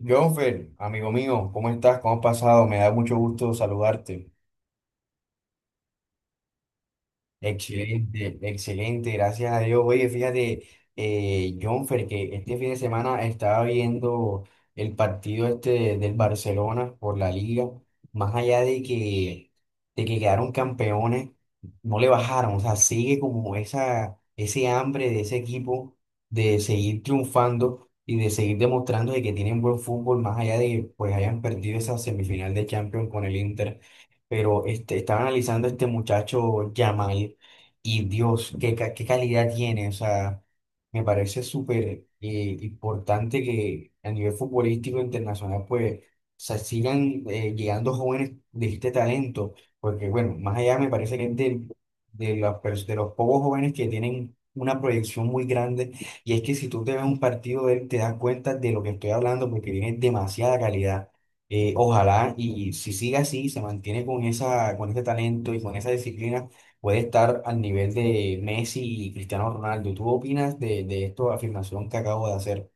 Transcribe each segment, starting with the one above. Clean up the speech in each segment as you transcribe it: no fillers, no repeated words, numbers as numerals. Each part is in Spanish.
Jonfer, amigo mío, ¿cómo estás? ¿Cómo has pasado? Me da mucho gusto saludarte. Excelente, excelente, gracias a Dios. Oye, fíjate, Jonfer, que este fin de semana estaba viendo el partido este del Barcelona por la Liga, más allá de que quedaron campeones, no le bajaron, o sea, sigue como ese hambre de ese equipo de seguir triunfando y de seguir demostrando de que tienen buen fútbol, más allá de que pues hayan perdido esa semifinal de Champions con el Inter pero este, estaba analizando a este muchacho Yamal y Dios, qué calidad tiene. O sea, me parece súper importante que a nivel futbolístico internacional, pues, se sigan llegando jóvenes de este talento, porque bueno, más allá me parece que es de, de los pocos jóvenes que tienen una proyección muy grande, y es que si tú te ves un partido de él, te das cuenta de lo que estoy hablando, porque tiene demasiada calidad. Ojalá y si sigue así, se mantiene con con ese talento y con esa disciplina, puede estar al nivel de Messi y Cristiano Ronaldo. ¿Tú opinas de esta afirmación que acabo de hacer?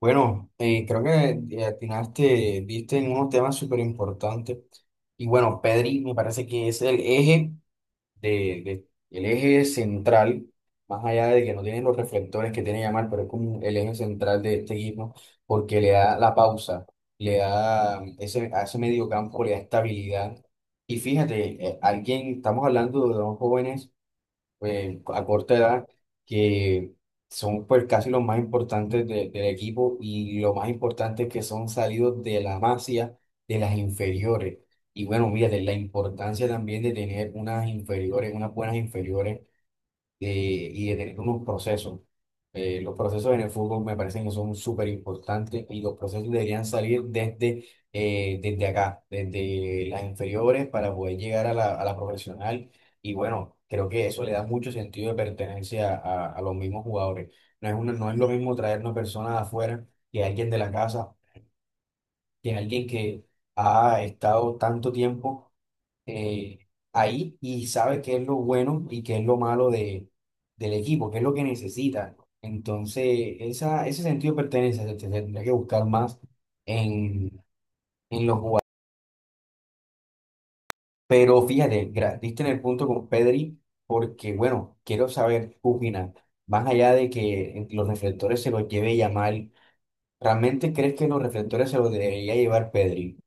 Bueno, creo que atinaste, viste en unos temas súper importantes. Y bueno, Pedri me parece que es el eje de, de- el eje central, más allá de que no tienen los reflectores que tiene Yamal, pero es como el eje central de este equipo, porque le da la pausa, le da a ese medio campo, le da estabilidad. Y fíjate, alguien, estamos hablando de dos jóvenes a corta edad, que son pues casi los más importantes del equipo y lo más importante es que son salidos de la masía, de las inferiores. Y bueno, mira, de la importancia también de tener unas inferiores, unas buenas inferiores y de tener unos procesos. Los procesos en el fútbol me parecen que son súper importantes y los procesos deberían salir desde acá, desde las inferiores para poder llegar a a la profesional. Y bueno, creo que eso le da mucho sentido de pertenencia a los mismos jugadores. No es lo mismo traer una persona de afuera que alguien de la casa, que alguien que ha estado tanto tiempo eh, ahí y sabe qué es lo bueno y qué es lo malo de, del equipo, qué es lo que necesita. Entonces, ese sentido de pertenencia se tendría que buscar más en, en los jugadores. Pero fíjate, diste en el punto con Pedri, porque bueno, quiero saber tu opinión. Más allá de que los reflectores se los lleve Yamal, ¿realmente crees que los reflectores se los debería llevar Pedri?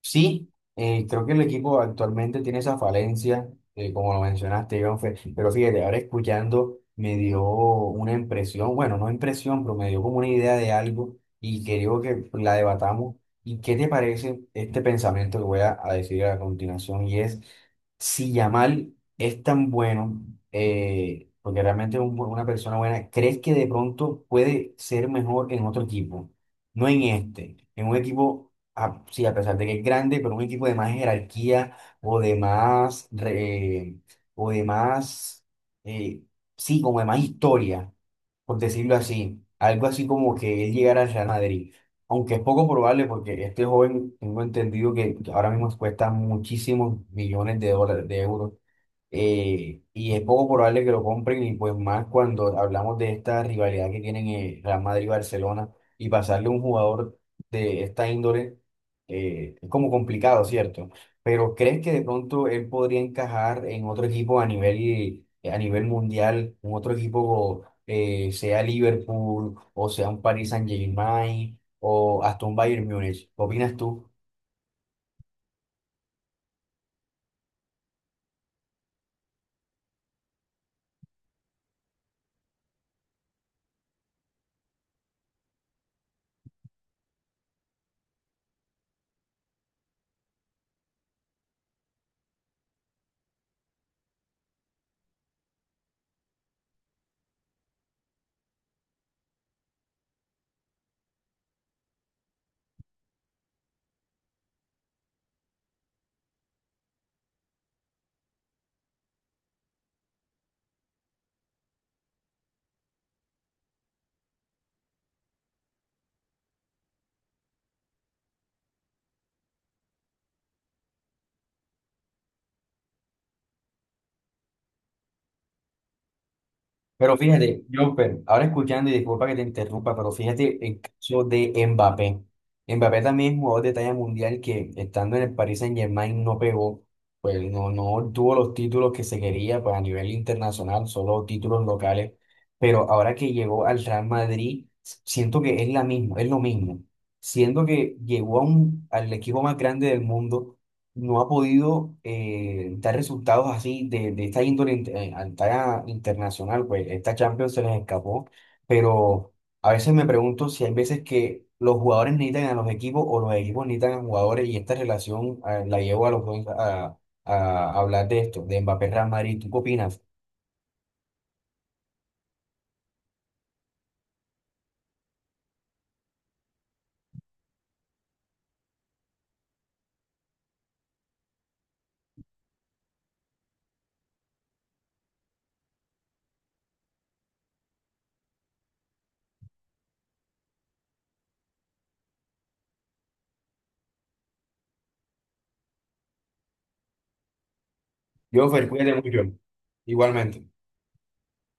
Sí, creo que el equipo actualmente tiene esa falencia, como lo mencionaste, Iván, pero fíjate, ahora escuchando me dio una impresión, bueno, no impresión, pero me dio como una idea de algo y creo que la debatamos. ¿Y qué te parece este pensamiento que voy a decir a continuación? Y es, si Yamal es tan bueno, porque realmente es una persona buena, ¿crees que de pronto puede ser mejor en otro equipo? No en este, en un equipo sí, a pesar de que es grande, pero un equipo de más jerarquía o de o de eh, sí, como de más historia, por decirlo así. Algo así como que él llegara al Real Madrid. Aunque es poco probable porque este joven, tengo entendido que ahora mismo cuesta muchísimos millones de dólares, de euros y es poco probable que lo compren y pues más cuando hablamos de esta rivalidad que tienen Real Madrid y Barcelona y pasarle un jugador de esta índole es como complicado, ¿cierto? Pero ¿crees que de pronto él podría encajar en otro equipo a a nivel mundial, un otro equipo sea Liverpool o sea un Paris Saint-Germain o hasta un Bayern Múnich? ¿Qué opinas tú? Pero fíjate, Jumper, ahora escuchando y disculpa que te interrumpa, pero fíjate el caso de Mbappé. Mbappé también es jugador de talla mundial que estando en el Paris Saint-Germain no pegó, pues no tuvo los títulos que se quería pues, a nivel internacional, solo títulos locales. Pero ahora que llegó al Real Madrid, siento que es la misma, es lo mismo. Siento que llegó a al equipo más grande del mundo no ha podido dar resultados así de esta a talla internacional, pues esta Champions se les escapó, pero a veces me pregunto si hay veces que los jugadores necesitan a los equipos o los equipos necesitan a jugadores y esta relación la llevo a los dos a hablar de esto, de Mbappé Real Madrid. ¿Tú qué opinas? Yo, Fer, cuídate mucho. Igualmente.